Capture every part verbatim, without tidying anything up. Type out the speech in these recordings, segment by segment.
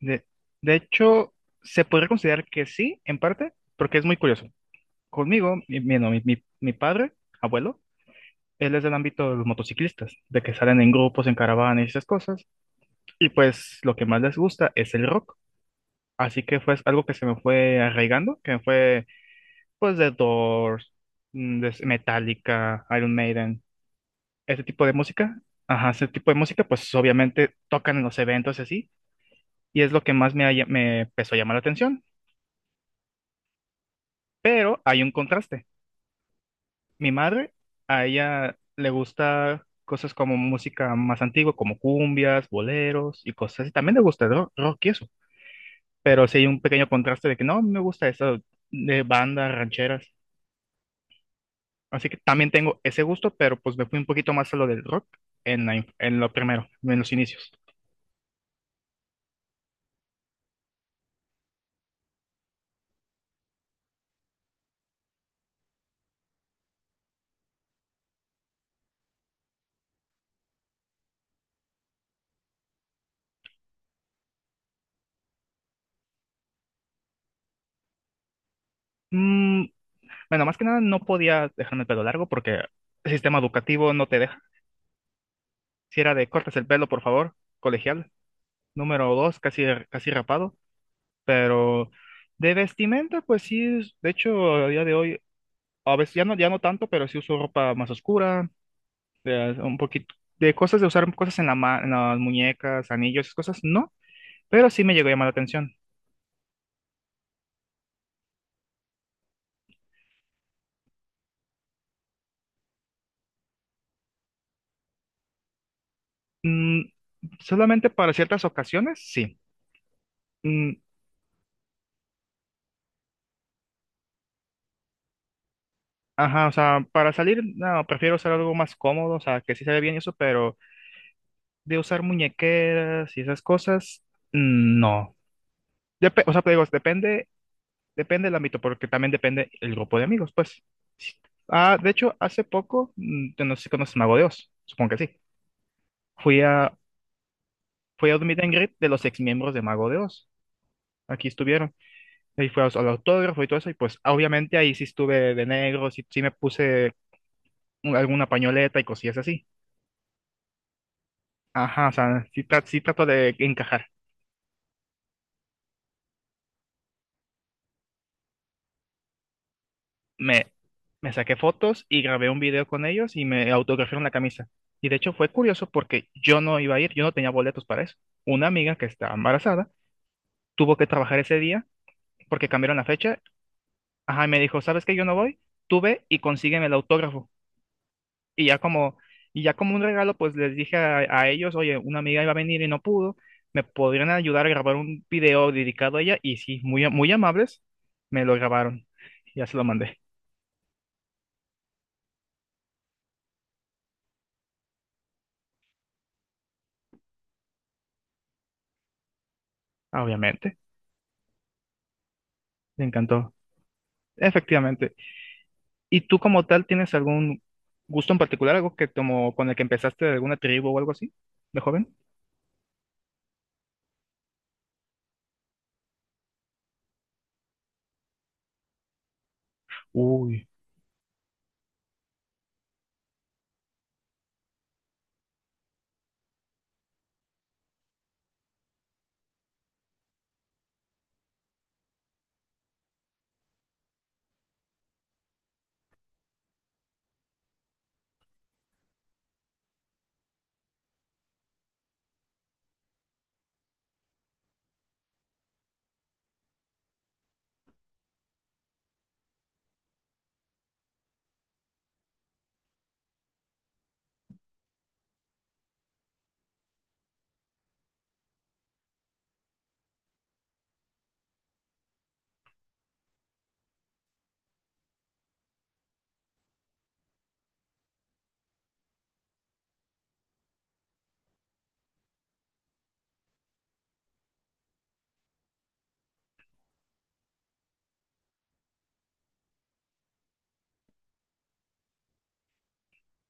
De, de hecho, se podría considerar que sí, en parte, porque es muy curioso. Conmigo, mi, mi, no, mi- mi- mi padre, abuelo, él es del ámbito de los motociclistas, de que salen en grupos, en caravanas y esas cosas, y pues lo que más les gusta es el rock. Así que fue algo que se me fue arraigando, que fue pues de Doors, mm, de Metallica, Iron Maiden, ese tipo de música. Ajá, ese tipo de música, pues obviamente tocan en los eventos y así, y es lo que más me, ha lla- me empezó a llamar la atención. Pero hay un contraste. Mi madre, a ella le gusta cosas como música más antigua, como cumbias, boleros y cosas así. También le gusta ro- rock y eso, pero sí hay un pequeño contraste de que no, me gusta eso de bandas rancheras. Así que también tengo ese gusto, pero pues me fui un poquito más a lo del rock en, la inf- en lo primero, en los inicios. Mm, bueno, más que nada no podía dejarme el pelo largo porque el sistema educativo no te deja. Si era de cortas el pelo, por favor, colegial. Número dos, casi, casi rapado. Pero de vestimenta, pues sí, es- de hecho, a día de hoy, a veces ya no, ya no tanto, pero sí uso ropa más oscura, eh, un poquito de cosas de usar cosas en la ma- en las muñecas, anillos, esas cosas, no, pero sí me llegó a llamar la atención. Mm, solamente para ciertas ocasiones, sí. Mm, ajá, o sea, para salir, no, prefiero usar algo más cómodo, o sea, que sí se ve bien y eso, pero de usar muñequeras y esas cosas, mm, no. Dep- o sea, te digo, depende. Depende del ámbito, porque también depende el grupo de amigos, pues. Ah, de hecho, hace poco, mm, yo no sé si conoces Mago de Oz, supongo que sí. Fui a, fui a un meet and greet de los ex miembros de Mago de Oz. Aquí estuvieron. Ahí fui a- al autógrafo y todo eso, y pues obviamente ahí sí estuve de negro, sí, sí me puse un- alguna pañoleta y cosillas así. Ajá, o sea, sí, tra- sí trato de encajar. me, Me saqué fotos y grabé un video con ellos y me autografiaron la camisa. Y de hecho fue curioso porque yo no iba a ir, yo no tenía boletos para eso. Una amiga que estaba embarazada tuvo que trabajar ese día porque cambiaron la fecha. Ajá, y me dijo, ¿sabes qué? Yo no voy, tú ve y consígueme el autógrafo. Y ya como, y ya como un regalo, pues les dije a, a ellos, oye, una amiga iba a venir y no pudo, me podrían ayudar a grabar un video dedicado a ella. Y sí, muy, a- muy amables, me lo grabaron. Ya se lo mandé, obviamente. Le encantó. Efectivamente. ¿Y tú como tal tienes algún gusto en particular, algo que como con el que empezaste de alguna tribu o algo así, de joven? Uy,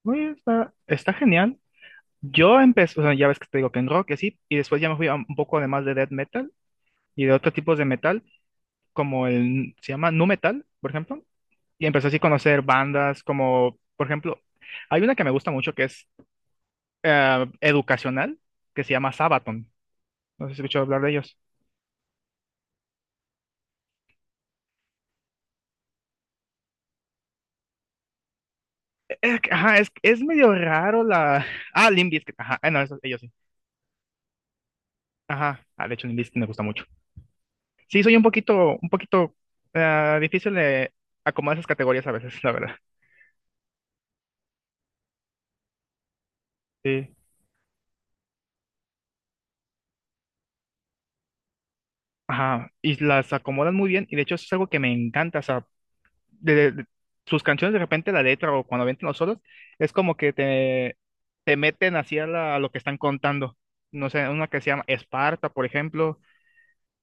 Uy, está, está genial. Yo empecé, o sea, ya ves que te digo que en rock y así, y después ya me fui a un poco además de death metal y de otros tipos de metal, como el, se llama nu metal, por ejemplo, y empecé así a conocer bandas como, por ejemplo, hay una que me gusta mucho que es eh, educacional, que se llama Sabaton. No sé si has escuchado hablar de ellos. Es, que, ajá, es, es medio raro la. Ah, Limp Bizkit, ajá, ah, no, eso, ellos sí. Ajá, ah, de hecho, Limp Bizkit me gusta mucho. Sí, soy un poquito, un poquito ah, difícil de acomodar esas categorías a veces, la verdad. Sí, ajá, y las acomodan muy bien, y de hecho, eso es algo que me encanta, o sea, de, de- de- sus canciones de repente, la letra o cuando avientan los solos, es como que te, te meten hacia la, a lo que están contando. No sé, una que se llama Esparta, por ejemplo.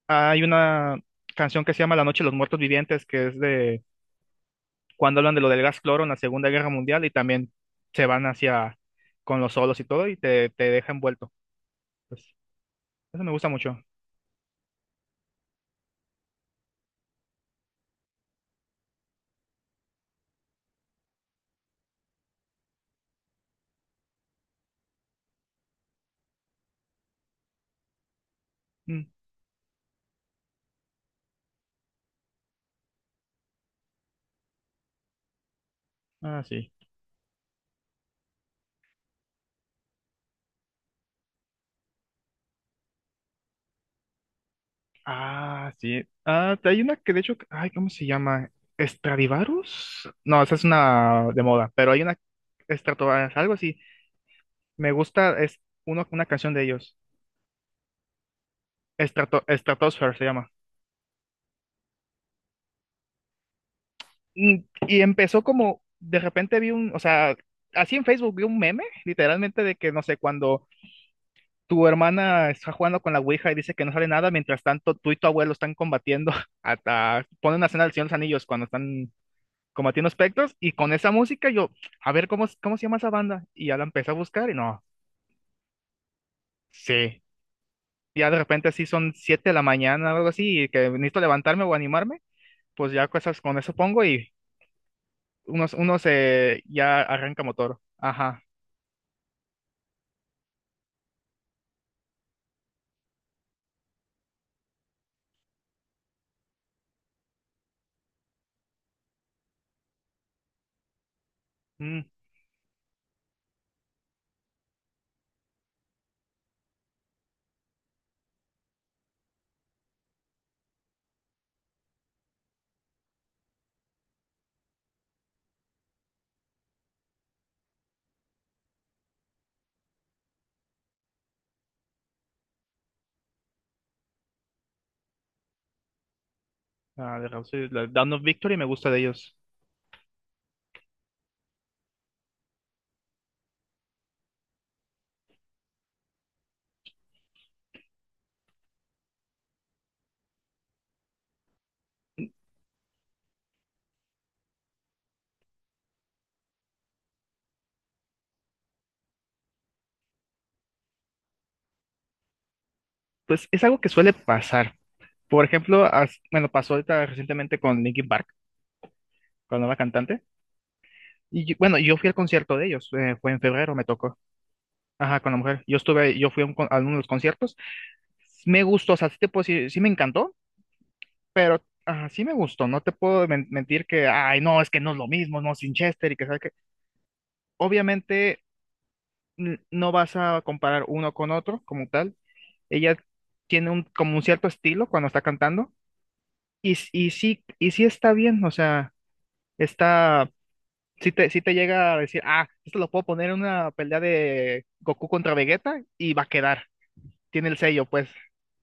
Hay una canción que se llama La Noche de los Muertos Vivientes, que es de cuando hablan de lo del gas cloro en la Segunda Guerra Mundial y también se van hacia con los solos y todo y te, te deja envuelto. Pues, eso me gusta mucho. Mm, Ah, sí. Ah, sí. Ah, hay una que de hecho, ay, ¿cómo se llama? ¿Stradivarius? No, esa es una de moda, pero hay una Stratovarius, algo así. Me gusta, es uno, una canción de ellos. Strato, Stratosphere se llama. Mm, Y empezó como, de repente vi un, o sea, así en Facebook vi un meme, literalmente, de que no sé, cuando tu hermana está jugando con la Ouija y dice que no sale nada, mientras tanto tú y tu abuelo están combatiendo, hasta ponen una escena del Señor de los Anillos cuando están combatiendo espectros, y con esa música yo, a ver, ¿cómo, es- ¿cómo se llama esa banda? Y ya la empecé a buscar y no, sí, ya de repente así son siete de la mañana o algo así, y que necesito levantarme o animarme, pues ya cosas con eso pongo y unos, unos eh, ya arranca motor, ajá, mm, ah, de Rhapsody, la Dawn of Victory me gusta de ellos, pues es algo que suele pasar. Por ejemplo, as- bueno, pasó ahorita recientemente con Linkin Park, con la nueva cantante. Y yo- bueno, yo fui al concierto de ellos, eh, fue en febrero, me tocó. Ajá, con la mujer. Yo estuve, yo fui a, un con- a uno de los conciertos. Me gustó, o sea, sí te puedo decir, sí me encantó, pero ajá, sí me gustó. No te puedo men- mentir que, ay, no, es que no es lo mismo, no, sin Chester y que sabes que. Obviamente, n- no vas a comparar uno con otro como tal. Ella tiene un, como un cierto estilo cuando está cantando. Y, s- y sí, y sí está bien, o sea, está. Si te, si te llega a decir, ah, esto lo puedo poner en una pelea de Goku contra Vegeta y va a quedar. Tiene el sello, pues,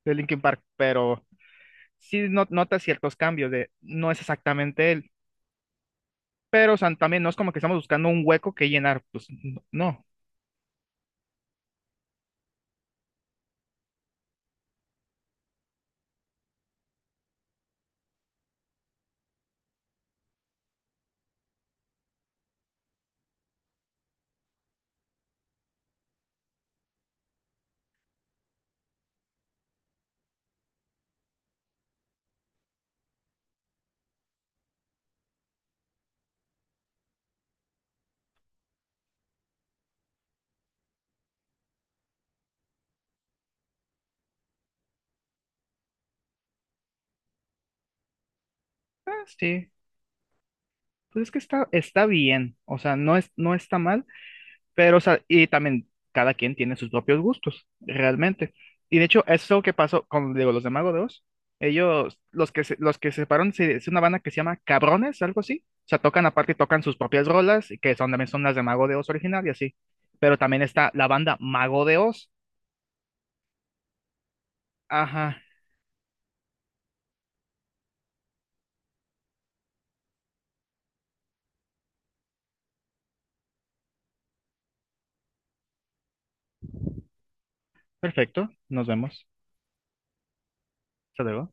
de Linkin Park, pero sí no- nota ciertos cambios de, no es exactamente él, pero o sea, también no es como que estamos buscando un hueco que llenar, pues, no. Ah, sí, pues es que está, está bien, o sea, no es, no está mal. Pero, o sea, y también cada quien tiene sus propios gustos, realmente. Y de hecho, eso que pasó con, digo, los de Mago de Oz, ellos, los que se, los que se separaron, se- es una banda que se llama Cabrones, algo así. O sea, tocan aparte, tocan sus propias rolas, que son también son las de Mago de Oz original y así. Pero también está la banda Mago de Oz. Ajá, perfecto, nos vemos. Hasta luego.